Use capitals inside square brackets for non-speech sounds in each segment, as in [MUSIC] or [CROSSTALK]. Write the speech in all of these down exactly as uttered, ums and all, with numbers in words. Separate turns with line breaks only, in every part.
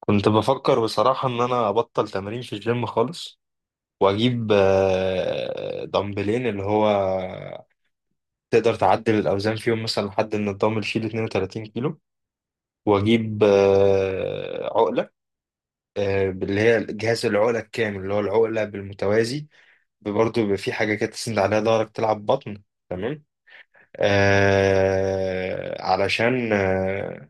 كنت بفكر بصراحة إن أنا أبطل تمرين في الجيم خالص، وأجيب آه، دمبلين اللي هو تقدر تعدل الأوزان فيهم مثلا لحد إن الدمبل يشيل اتنين وتلاتين كيلو. وأجيب آه، عقلة، آه، اللي هي جهاز العقلة الكامل، اللي هو العقلة بالمتوازي. برضه بيبقى في حاجة كده تسند عليها ظهرك تلعب بطن. تمام. آه، علشان آه،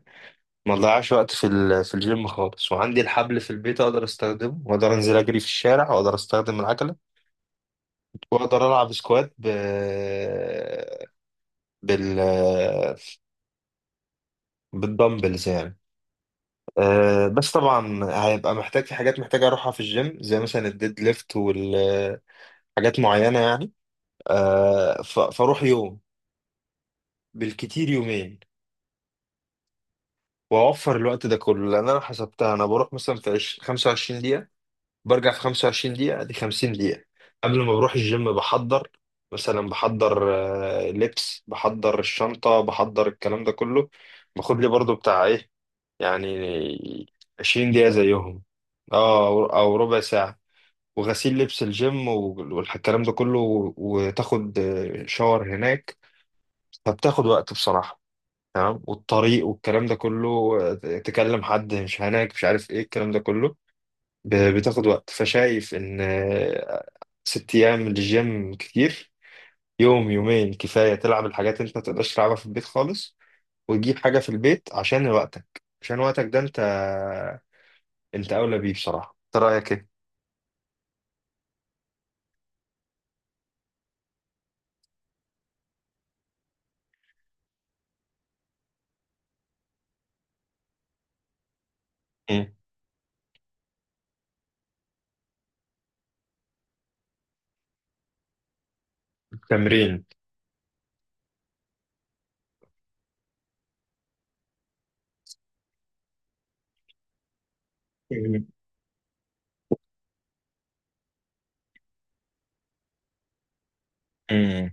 ما اضيعش وقت في ال- في الجيم خالص، وعندي الحبل في البيت اقدر استخدمه، واقدر انزل اجري في الشارع، واقدر استخدم العجله، واقدر العب سكوات ب... بال بالدمبلز يعني. أه، بس طبعا هيبقى محتاج في حاجات محتاج اروحها في الجيم، زي مثلا الديد ليفت والحاجات معينه يعني. أه ف... فاروح يوم، بالكتير يومين. واوفر الوقت ده كله، لان انا حسبتها انا بروح مثلا في عش- خمس وعشرين دقيقه، برجع في خمسة وعشرين دقيقة، دي خمسين دقيقة. قبل ما بروح الجيم بحضر، مثلا بحضر آه، لبس، بحضر الشنطة، بحضر الكلام ده كله. باخد لي برضو بتاع ايه يعني عشرين دقيقة زيهم. اه، او أو ربع ساعة. وغسيل لبس الجيم وال- والكلام ده كله، و- وتاخد آه، شاور هناك. فبتاخد وقت بصراحة. تمام. والطريق والكلام ده كله، آه، تكلم حد مش هناك، مش عارف ايه الكلام ده كله. ب- بتاخد وقت. فشايف ان ست أيام للجيم كتير. يوم يومين كفاية، تلعب الحاجات اللي أنت ما تقدرش تلعبها في البيت خالص، وتجيب حاجة في البيت عشان وقتك، عشان وقتك ده أنت، أنت أولى بيه بصراحة. أنت رأيك إيه؟ مم. تمرين. مم. مم.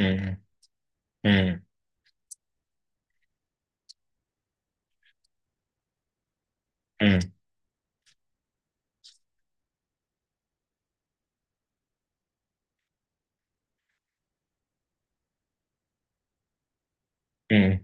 مم. مم. مم. مم.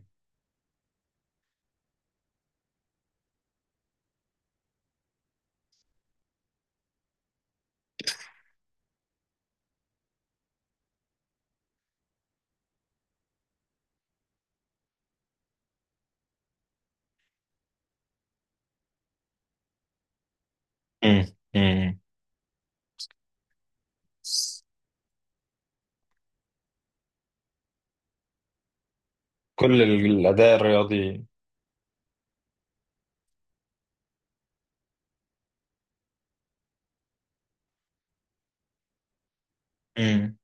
مم. مم. كل الأداء الرياضي. مم.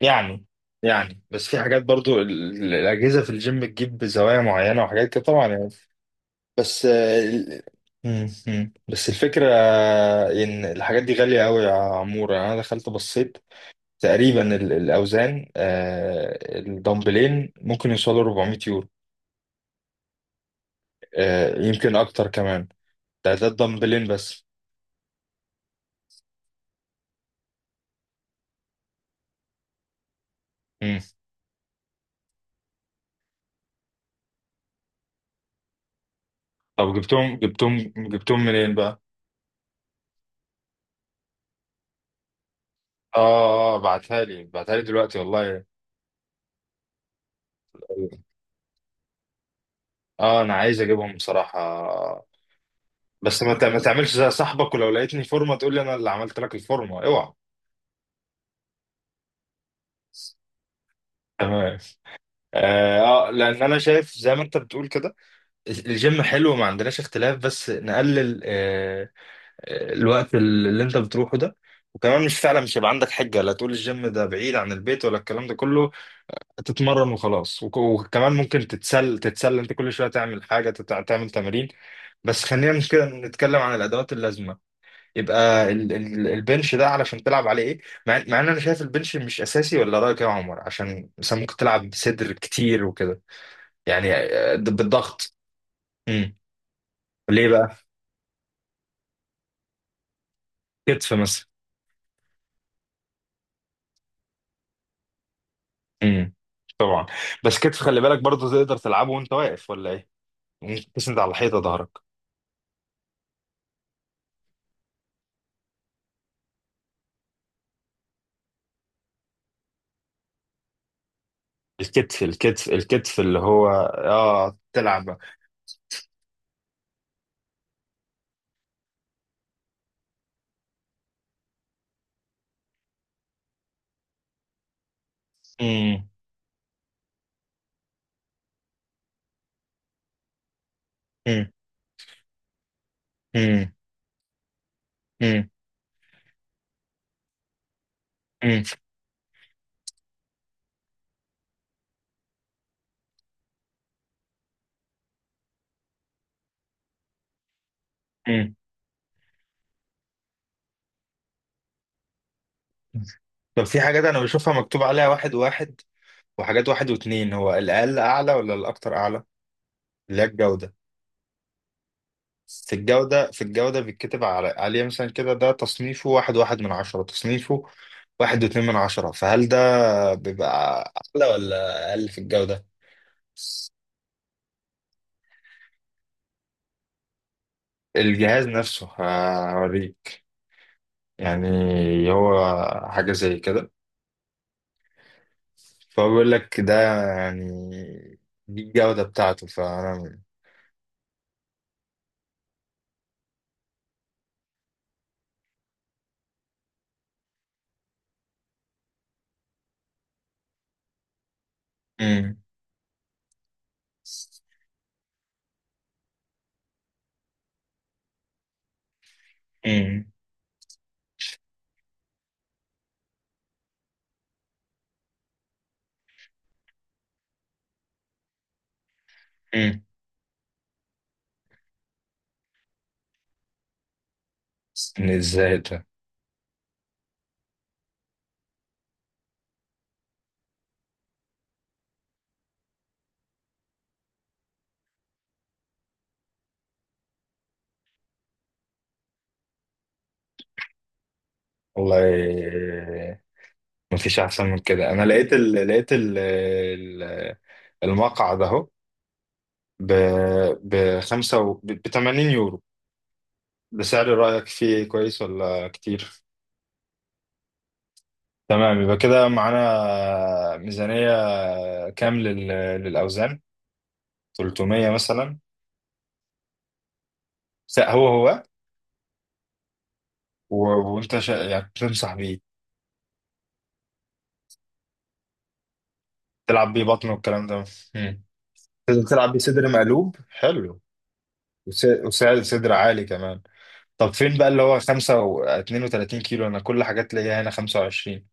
يعني يعني بس في حاجات برضو ال- ال- الأجهزة في الجيم بتجيب زوايا معينة وحاجات كده طبعا يعني. بس آه، مم. مم. بس الفكرة إن الحاجات دي غالية أوي يا عمورة. أنا دخلت بصيت تقريبا ال- الأوزان، آه، الدمبلين ممكن يوصلوا اربعمية يورو. آه، يمكن أكتر كمان. ده ده الدمبلين بس. مم. طب جبتهم جبتهم جبتهم منين بقى؟ آه آه بعتها لي بعتها لي دلوقتي والله. آه، أنا عايز أجيبهم بصراحة، بس ما تع- ما تعملش زي صاحبك، ولو لقيتني فورمة تقول لي أنا اللي عملت لك الفورمة، أوعى. تمام. اه، آه، لان انا شايف زي ما انت بتقول كده الجيم حلو، ما عندناش اختلاف، بس نقلل آه آه، الوقت اللي انت بتروحه ده. وكمان مش فعلا مش هيبقى عندك حجة لا تقول الجيم ده بعيد عن البيت ولا الكلام ده كله. تتمرن وخلاص، وك- وكمان ممكن تتسل تتسلى انت كل شوية، تعمل حاجة، تتع- تعمل تمارين. بس خلينا مش كده نتكلم عن الادوات اللازمة. يبقى ال ال البنش ده علشان تلعب عليه ايه؟ مع, مع ان انا شايف البنش مش اساسي، ولا رأيك يا عمر؟ عشان مثلا ممكن تلعب صدر كتير وكده يعني، آه، د- بالضغط. امم. ليه بقى؟ كتف مثلا. امم. طبعا. بس كتف، خلي بالك برضه تقدر تلعبه وانت واقف ولا ايه؟ ممكن تسند على الحيطه ظهرك. الكتف الكتف الكتف اللي هو اه تلعب. امم. امم. امم. امم. امم. امم. طب في حاجات انا بشوفها مكتوب عليها واحد واحد، وحاجات واحد واتنين. هو الاقل اعلى ولا الاكتر اعلى؟ اللي هي الجودة. في الجودة في الجودة بيتكتب على عليه مثلا كده. ده تصنيفه واحد واحد من عشرة، تصنيفه واحد واتنين من عشرة. فهل ده بيبقى أعلى ولا أقل في الجودة؟ الجهاز نفسه. هوريك. يعني هو حاجة زي كده. فهو بيقول لك ده، يعني دي الجودة بتاعته فأنا. مم. مم. مم. إن ازاي ده. والله، مفيش أحسن من كده. أنا لقيت ال... لقيت ال... ال- المقعد أهو، ب ب خمسة، ب تمانين يورو. ده سعر رأيك فيه كويس ولا كتير؟ تمام، يبقى كده معانا ميزانية كام لل- للأوزان؟ ثلاثمائة مثلا. س- هو هو. و- وأنت شا... يعني تنصح بيه؟ تلعب بيه بطن والكلام ده. مم. لازم تلعب بيه صدر مقلوب حلو، وس... وسعر صدر عالي كمان. طب فين بقى اللي هو خمسة و اتنين وتلاتين كيلو؟ أنا كل حاجات ليا هنا خمسة وعشرين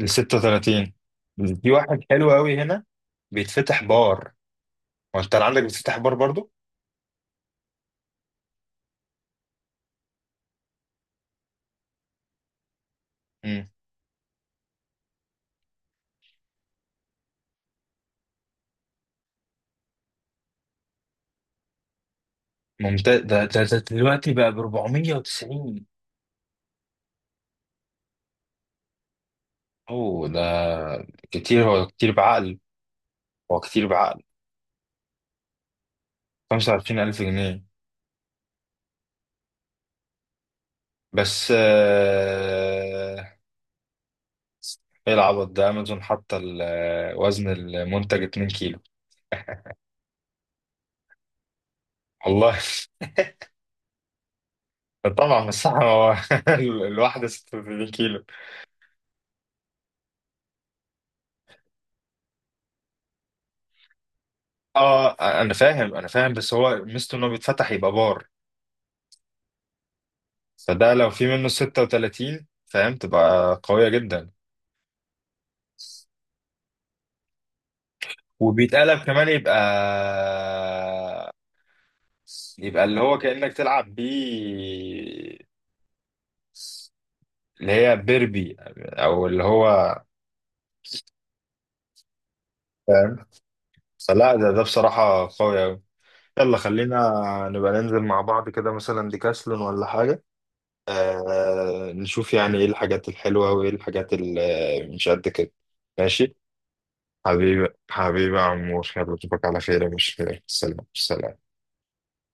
ل ست وثلاثين. في واحد حلو قوي هنا بيتفتح بار. وأنت اللي عندك بيتفتح بار برضو؟ ممتاز. ده, ده, ده دلوقتي بقى ب اربعمية وتسعين. اوه. ده كتير. هو كتير بعقل. هو كتير بعقل. خمسة وعشرين ألف جنيه. بس آه، ايه العبط ده؟ امازون حاطه ال- وزن المنتج اتنين كيلو. [LAUGHS] والله. طبعا الساعة هو [LAUGHS] الواحدة ست وثمانين كيلو. اه، انا فاهم، انا فاهم، بس هو ميزته انه بيتفتح يبقى بار، فده لو في منه ست وثلاثين فاهم تبقى قوية جدا. وبيتقلب كمان يبقى، يبقى اللي هو كأنك تلعب بيه اللي هي بيربي او اللي هو. فاهم؟ فلا، ده ده بصراحة قوي أوي. يلا خلينا نبقى ننزل مع بعض كده، مثلا ديكاسلون ولا حاجة. آه نشوف يعني ايه الحاجات الحلوة وايه الحاجات اللي مش قد كده. ماشي. حبيبي حبيبي يا عمور، يلا اشوفك على خير يا مش. سلام سلام.